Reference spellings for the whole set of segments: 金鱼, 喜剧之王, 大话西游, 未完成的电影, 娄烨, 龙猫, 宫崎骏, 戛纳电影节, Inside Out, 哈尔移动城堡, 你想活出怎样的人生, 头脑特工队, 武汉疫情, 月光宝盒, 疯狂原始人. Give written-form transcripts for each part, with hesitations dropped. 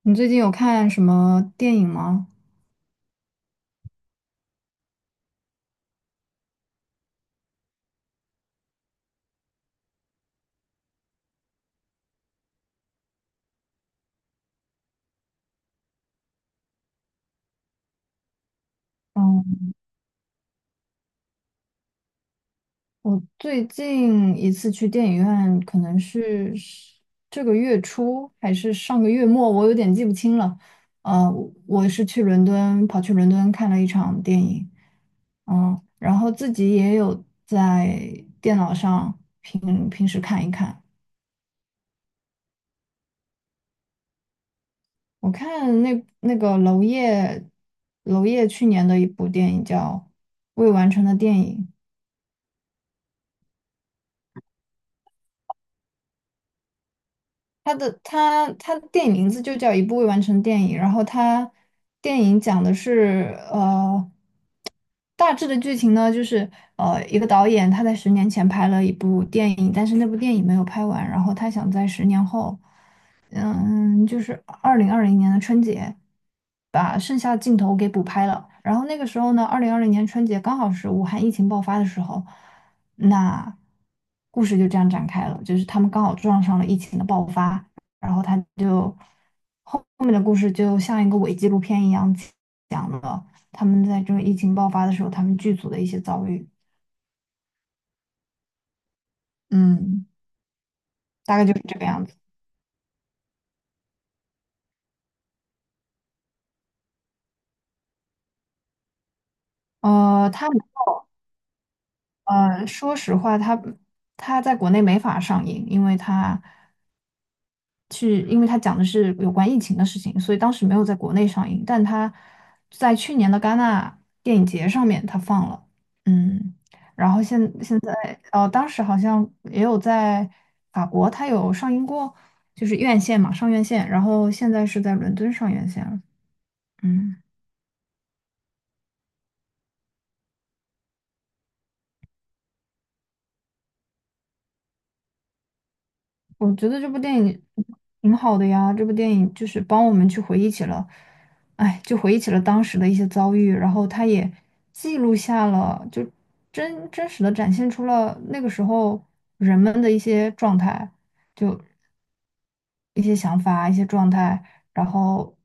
你最近有看什么电影吗？嗯，我最近一次去电影院可能是这个月初还是上个月末，我有点记不清了。呃，我是去伦敦，跑去伦敦看了一场电影。然后自己也有在电脑上平时看一看。我看那个娄烨，娄烨去年的一部电影叫《未完成的电影》。他的电影名字就叫《一部未完成电影》。然后电影讲的是，大致的剧情呢就是，一个导演他在10年前拍了一部电影，但是那部电影没有拍完，然后他想在10年后，就是二零二零年的春节，把剩下的镜头给补拍了。然后那个时候呢，二零二零年春节刚好是武汉疫情爆发的时候。那故事就这样展开了，就是他们刚好撞上了疫情的爆发，然后他就后面的故事就像一个伪纪录片一样，讲了他们在这个疫情爆发的时候，他们剧组的一些遭遇。嗯，大概就是这个样子。呃，他说实话，他在国内没法上映，因为因为它讲的是有关疫情的事情，所以当时没有在国内上映，但它在去年的戛纳电影节上面它放了。嗯，然后现现在哦，当时好像也有在法国它有上映过，就是院线嘛，上院线，然后现在是在伦敦上院线了。嗯。我觉得这部电影挺好的呀，这部电影就是帮我们去回忆起了，哎，就回忆起了当时的一些遭遇，然后它也记录下了，就真实的展现出了那个时候人们的一些状态，就一些想法、一些状态，然后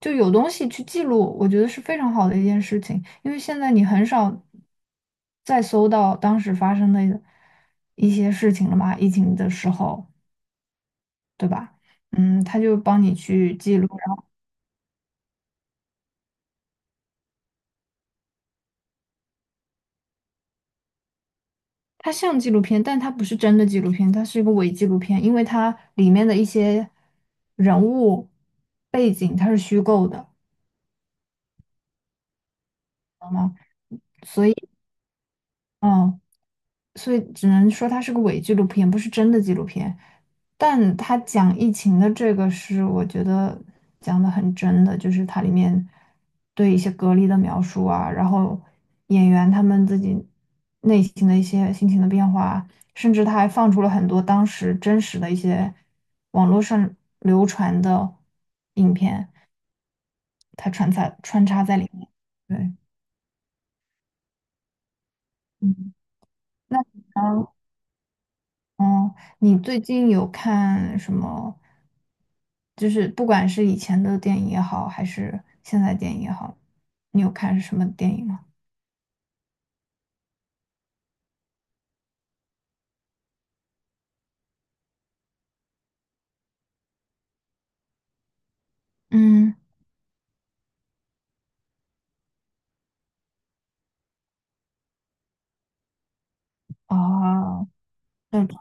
就有东西去记录，我觉得是非常好的一件事情，因为现在你很少再搜到当时发生的一些事情了嘛，疫情的时候。对吧？嗯，他就帮你去记录。然后它像纪录片，但它不是真的纪录片，它是一个伪纪录片，因为它里面的一些人物背景它是虚构的。嗯，所以只能说它是个伪纪录片，不是真的纪录片。但它讲疫情的这个是我觉得讲的很真的，就是它里面对一些隔离的描述啊，然后演员他们自己内心的一些心情的变化，甚至他还放出了很多当时真实的一些网络上流传的影片，它穿插穿插在里面。对。嗯，那你呢？哦，你最近有看什么？就是不管是以前的电影也好，还是现在电影也好，你有看是什么电影吗？嗯。哦，这种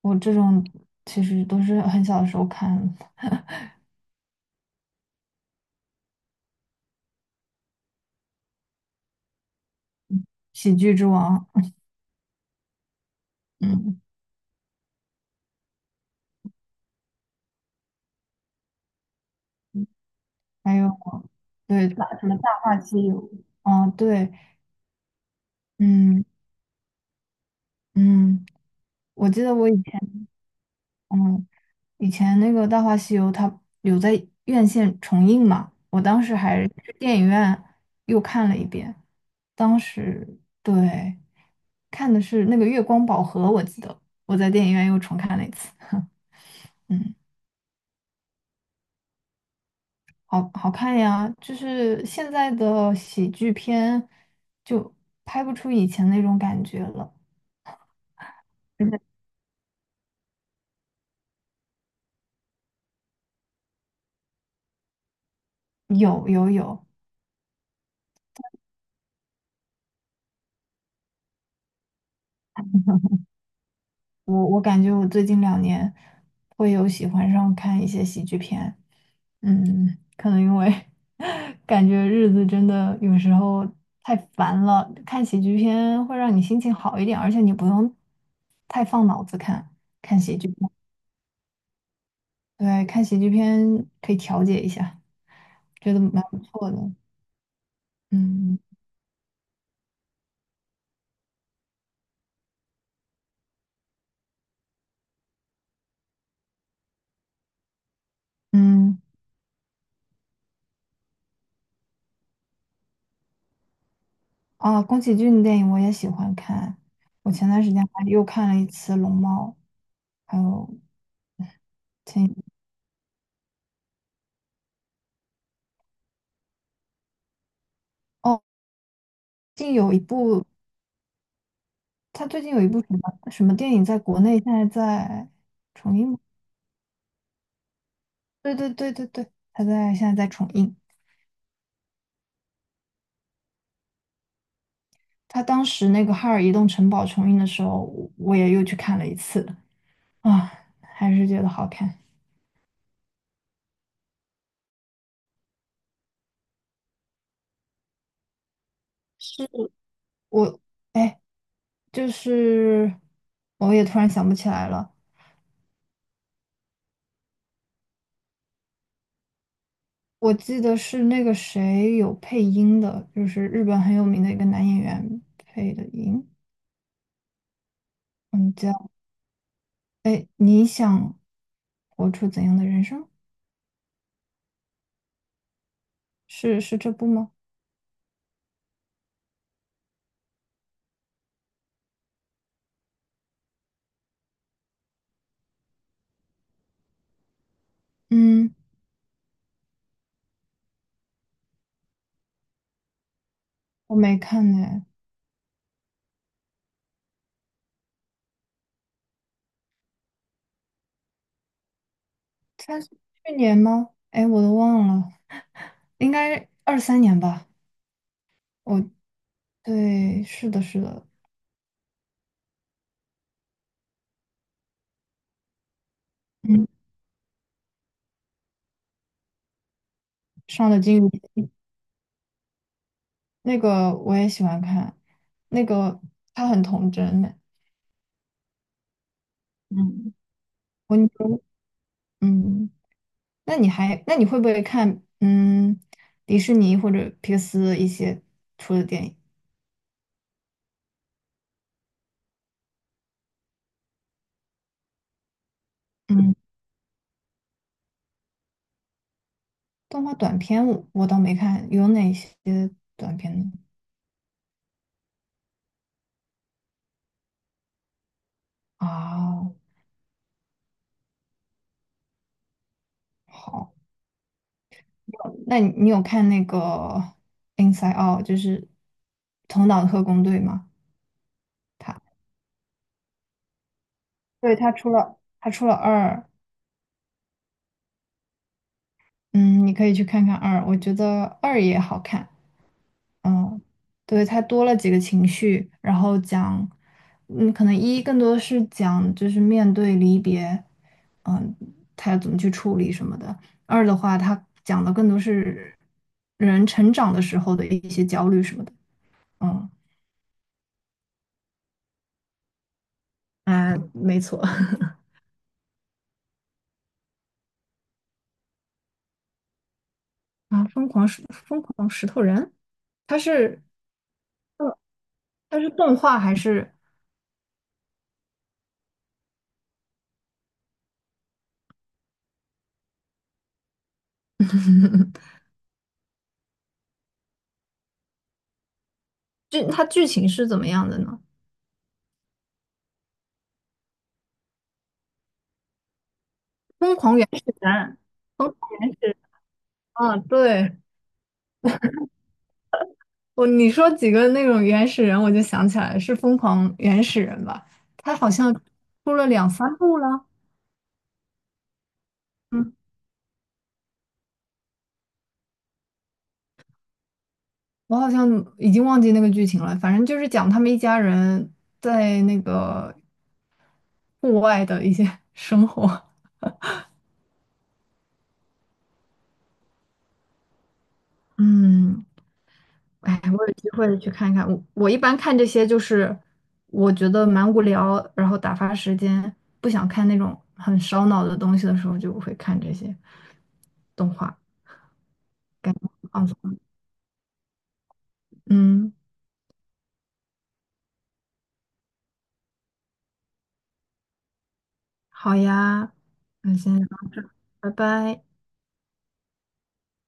我这种其实都是很小的时候看的《<laughs> 喜剧之王》。嗯，还有，对，大什么《大话西游》。哦，对，嗯嗯，我记得我以前嗯。以前那个《大话西游》它有在院线重映嘛，我当时还去电影院又看了一遍。当时，对，看的是那个《月光宝盒》，我记得我在电影院又重看了一次。嗯，好好看呀！就是现在的喜剧片就拍不出以前那种感觉了。嗯，有有有，我感觉我最近2年会有喜欢上看一些喜剧片。可能因为 感觉日子真的有时候太烦了，看喜剧片会让你心情好一点，而且你不用太放脑子看，看喜剧片，对，看喜剧片可以调节一下，觉得蛮不错的。嗯嗯，啊，宫崎骏的电影我也喜欢看，我前段时间还又看了一次《龙猫》。还有，前哦，最近有一部他最近有一部什么什么电影在国内现在在重映吗？对对对对对，他现在在重映。他当时那个《哈尔移动城堡》重映的时候，我也又去看了一次啊，还是觉得好看。是我哎，就是我也突然想不起来了，我记得是那个谁有配音的，就是日本很有名的一个男演员配的音。嗯，叫，哎，你想活出怎样的人生？是这部吗？嗯，我没看呢。它是去年吗？哎，我都忘了，应该23年吧。我对，是的，是的。嗯，上的金鱼。那个我也喜欢看，那个他很童真呢。嗯，我你嗯，那你会不会看迪士尼或者皮克斯一些出的电影？嗯，动画短片我倒没看，有哪些短片呢？啊，好。那你有看那个《Inside Out》，就是《头脑特工队》吗？他对，他出了二。嗯，你可以去看看二，我觉得二也好看。嗯，对，它多了几个情绪，然后讲，可能一更多是讲就是面对离别，嗯，他要怎么去处理什么的。二的话，他讲的更多是人成长的时候的一些焦虑什么的。嗯，啊，没错。啊，疯狂石头人。它是嗯，它是动画还是剧？它剧情是怎么样的呢？疯狂原始人，疯对，你说几个那种原始人，我就想起来是疯狂原始人吧？他好像出了两三部了。嗯，我好像已经忘记那个剧情了，反正就是讲他们一家人在那个户外的一些生活。嗯，哎，我有机会去看一看。我一般看这些就是，我觉得蛮无聊，然后打发时间，不想看那种很烧脑的东西的时候，就会看这些动画，感觉很放松。嗯，好呀，那先聊到这儿，拜拜。